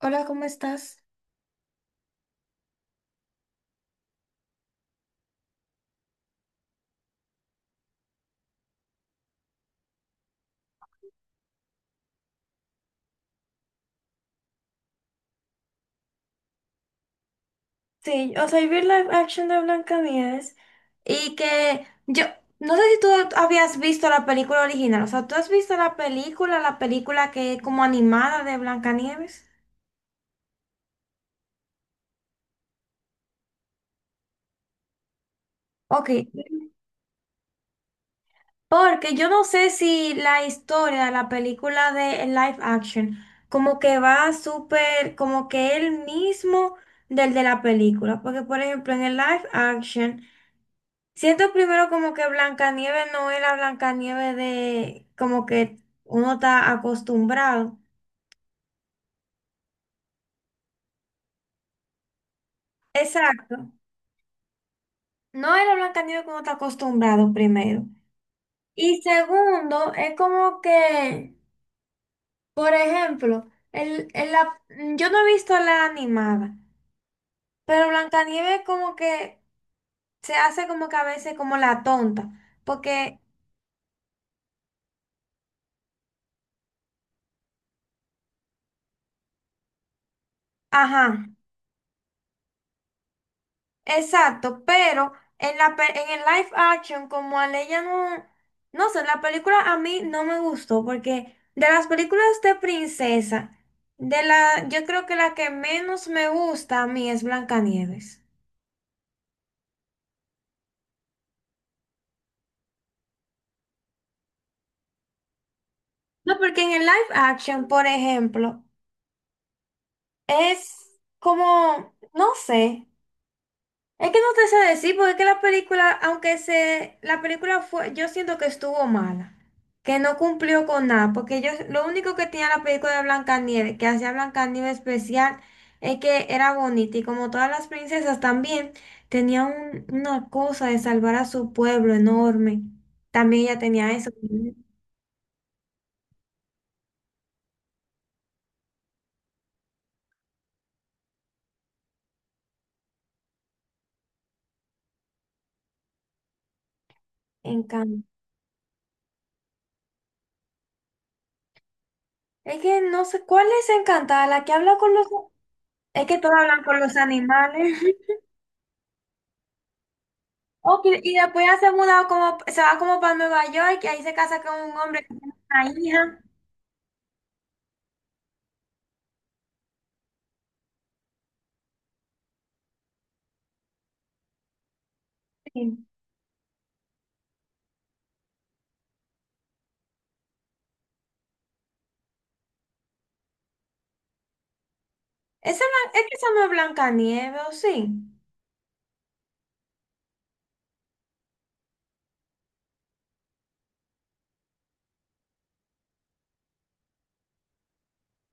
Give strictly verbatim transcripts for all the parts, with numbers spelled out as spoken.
Hola, ¿cómo estás? Sí, o sea, y vi live action de Blancanieves y que yo no sé si tú habías visto la película original, o sea, ¿tú has visto la película, la película que es como animada de Blancanieves? Ok, porque yo no sé si la historia de la película de live action como que va súper, como que el mismo del de la película, porque por ejemplo en el live action. Siento primero como que Blancanieves no es la Blancanieves de como que uno está acostumbrado. Exacto. No es la Blancanieves que uno está acostumbrado primero. Y segundo, es como que, por ejemplo, el, el la- yo no he visto la animada, pero Blancanieves como que se hace como que a veces como la tonta, porque, ajá. Exacto, pero en la pe- en el live action, como a ella no, no sé, la película a mí no me gustó, porque de las películas de princesa, de la, yo creo que la que menos me gusta a mí es Blancanieves. No, porque en el live action, por ejemplo, es como, no sé. Es que no te sé decir, porque es que la película, aunque se, la película fue, yo siento que estuvo mala, que no cumplió con nada, porque yo, lo único que tenía la película de Blancanieves, que hacía Blancanieves especial, es que era bonita, y como todas las princesas también, tenía un- una cosa de salvar a su pueblo enorme, también ella tenía eso, encanto. Es que no sé, ¿cuál es Encantada? La que habla con los, es que todos hablan con los animales. Ok, y después ya se mudado como, se va como para Nueva York y ahí se casa con un hombre que tiene una hija. Sí. Esa, no- es que esa no es Blancanieves, ¿o sí?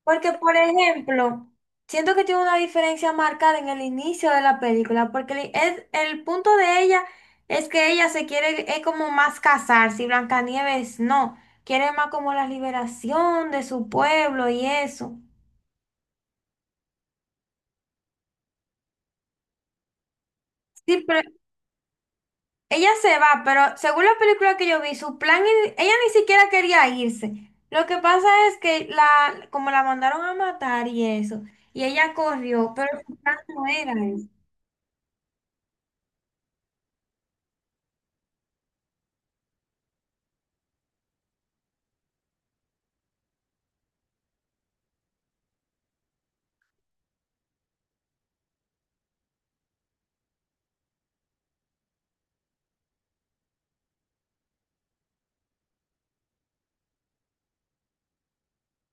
Porque, por ejemplo, siento que tiene una diferencia marcada en el inicio de la película, porque el- es, el punto de ella es que ella se quiere, es como más casarse, y Blancanieves no, quiere más como la liberación de su pueblo y eso. Sí, pero ella se va, pero según la película que yo vi, su plan, in- ella ni siquiera quería irse. Lo que pasa es que la, como la mandaron a matar y eso, y ella corrió, pero su plan no era eso.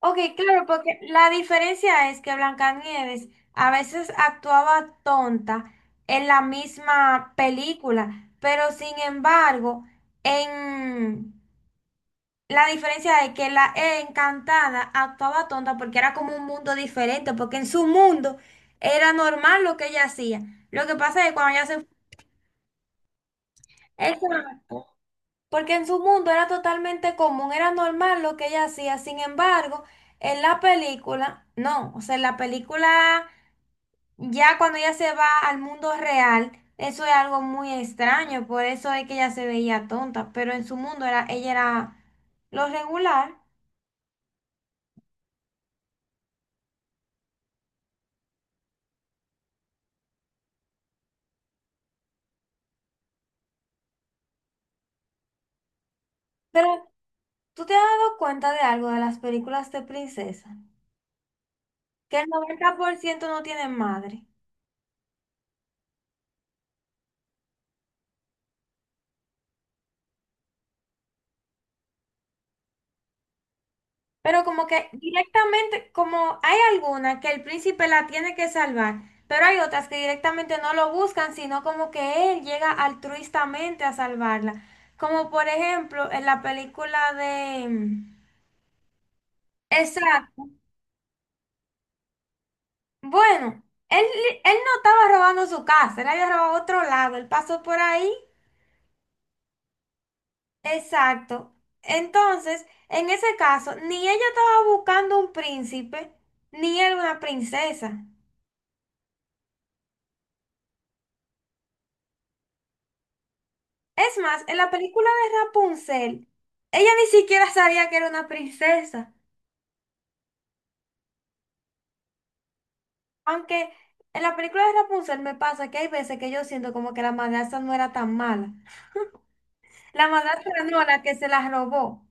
Ok, claro, porque la diferencia es que Blancanieves a veces actuaba tonta en la misma película, pero sin embargo, en La diferencia es que la E encantada actuaba tonta porque era como un mundo diferente, porque en su mundo era normal lo que ella hacía. Lo que pasa es que cuando ella se... Exacto. Porque en su mundo era totalmente común, era normal lo que ella hacía. Sin embargo, en la película, no. O sea, en la película, ya cuando ella se va al mundo real, eso es algo muy extraño. Por eso es que ella se veía tonta. Pero en su mundo era, ella era lo regular. Pero, ¿tú te has dado cuenta de algo de las películas de princesa? Que el noventa por ciento no tienen madre. Pero como que directamente, como hay alguna que el príncipe la tiene que salvar, pero hay otras que directamente no lo buscan, sino como que él llega altruistamente a salvarla. Como por ejemplo en la película de... Exacto. Bueno, él, él no estaba robando su casa, él había robado otro lado, él pasó por ahí. Exacto. Entonces, en ese caso, ni ella estaba buscando un príncipe, ni él una princesa. Es más, en la película de Rapunzel, ella ni siquiera sabía que era una princesa. Aunque en la película de Rapunzel me pasa que hay veces que yo siento como que la madrastra no era tan mala. La madrastra no, la que se la robó.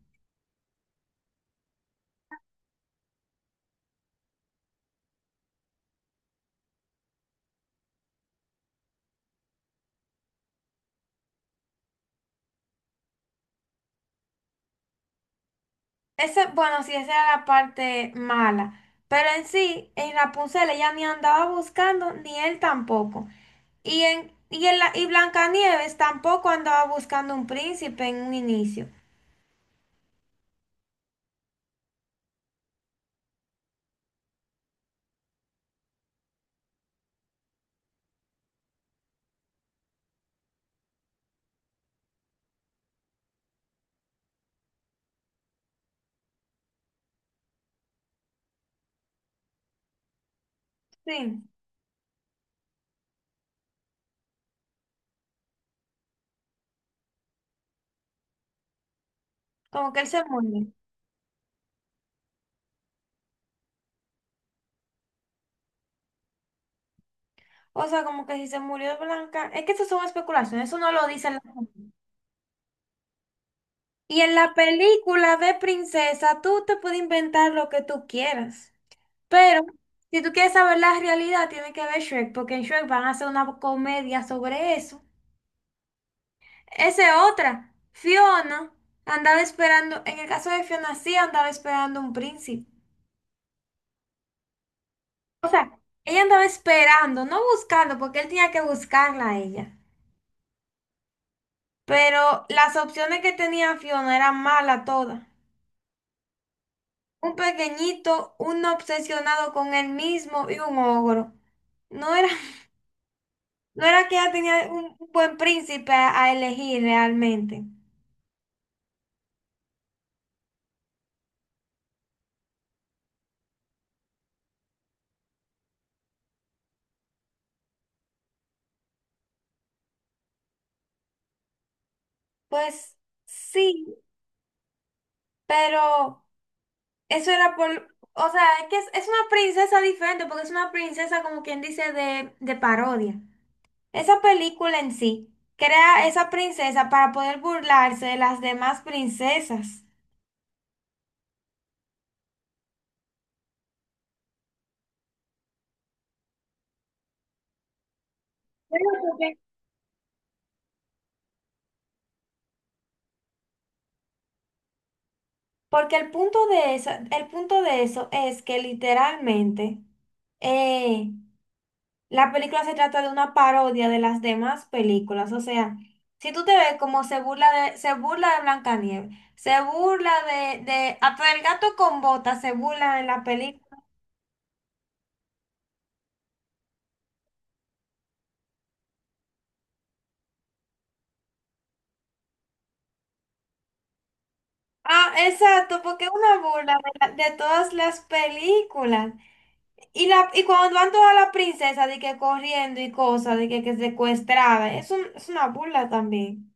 Ese, bueno, sí, esa era la parte mala. Pero en sí, en Rapunzel ella ni andaba buscando, ni él tampoco. Y en, y en la, y Blancanieves tampoco andaba buscando un príncipe en un inicio. Sí, como que él se murió. O sea, como que si se murió Blanca. Es que eso son especulaciones, eso no lo dicen las. Y en la película de princesa, tú te puedes inventar lo que tú quieras. Pero si tú quieres saber la realidad, tienes que ver Shrek, porque en Shrek van a hacer una comedia sobre eso. Esa es otra. Fiona andaba esperando, en el caso de Fiona sí andaba esperando un príncipe. O sea, ella andaba esperando, no buscando, porque él tenía que buscarla a ella. Pero las opciones que tenía Fiona eran malas todas. Un pequeñito, un obsesionado con él mismo y un ogro. No era No era que ella tenía un un buen príncipe a a elegir realmente. Pues sí, pero eso era por, o sea, es que es, es una princesa diferente porque es una princesa como quien dice de, de parodia. Esa película en sí crea esa princesa para poder burlarse de las demás princesas. Porque el punto de eso, el punto de eso es que literalmente eh, La película se trata de una parodia de las demás películas. O sea, si tú te ves como se burla de, se burla de Blancanieves, se burla de, de hasta del gato con botas se burla en la película. Ah, exacto, porque es una burla de, la- de todas las películas. Y la, y cuando van todas las princesas de que corriendo y cosas, de que, que secuestrada, es un- es una burla también.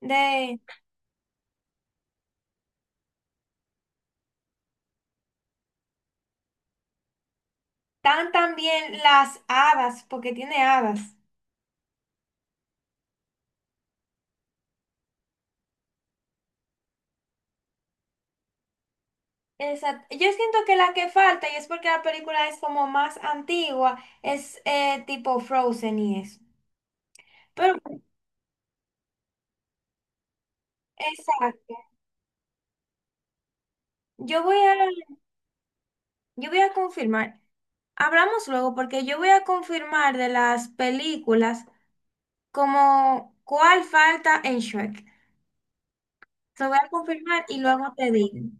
De, tan también las hadas, porque tiene hadas. Exacto. Yo siento que la que falta, y es porque la película es como más antigua, es eh, tipo Frozen y eso. Pero, bueno, exacto. Yo voy a, yo voy a confirmar. Hablamos luego porque yo voy a confirmar de las películas como cuál falta en Shrek. Lo voy a confirmar y luego te digo.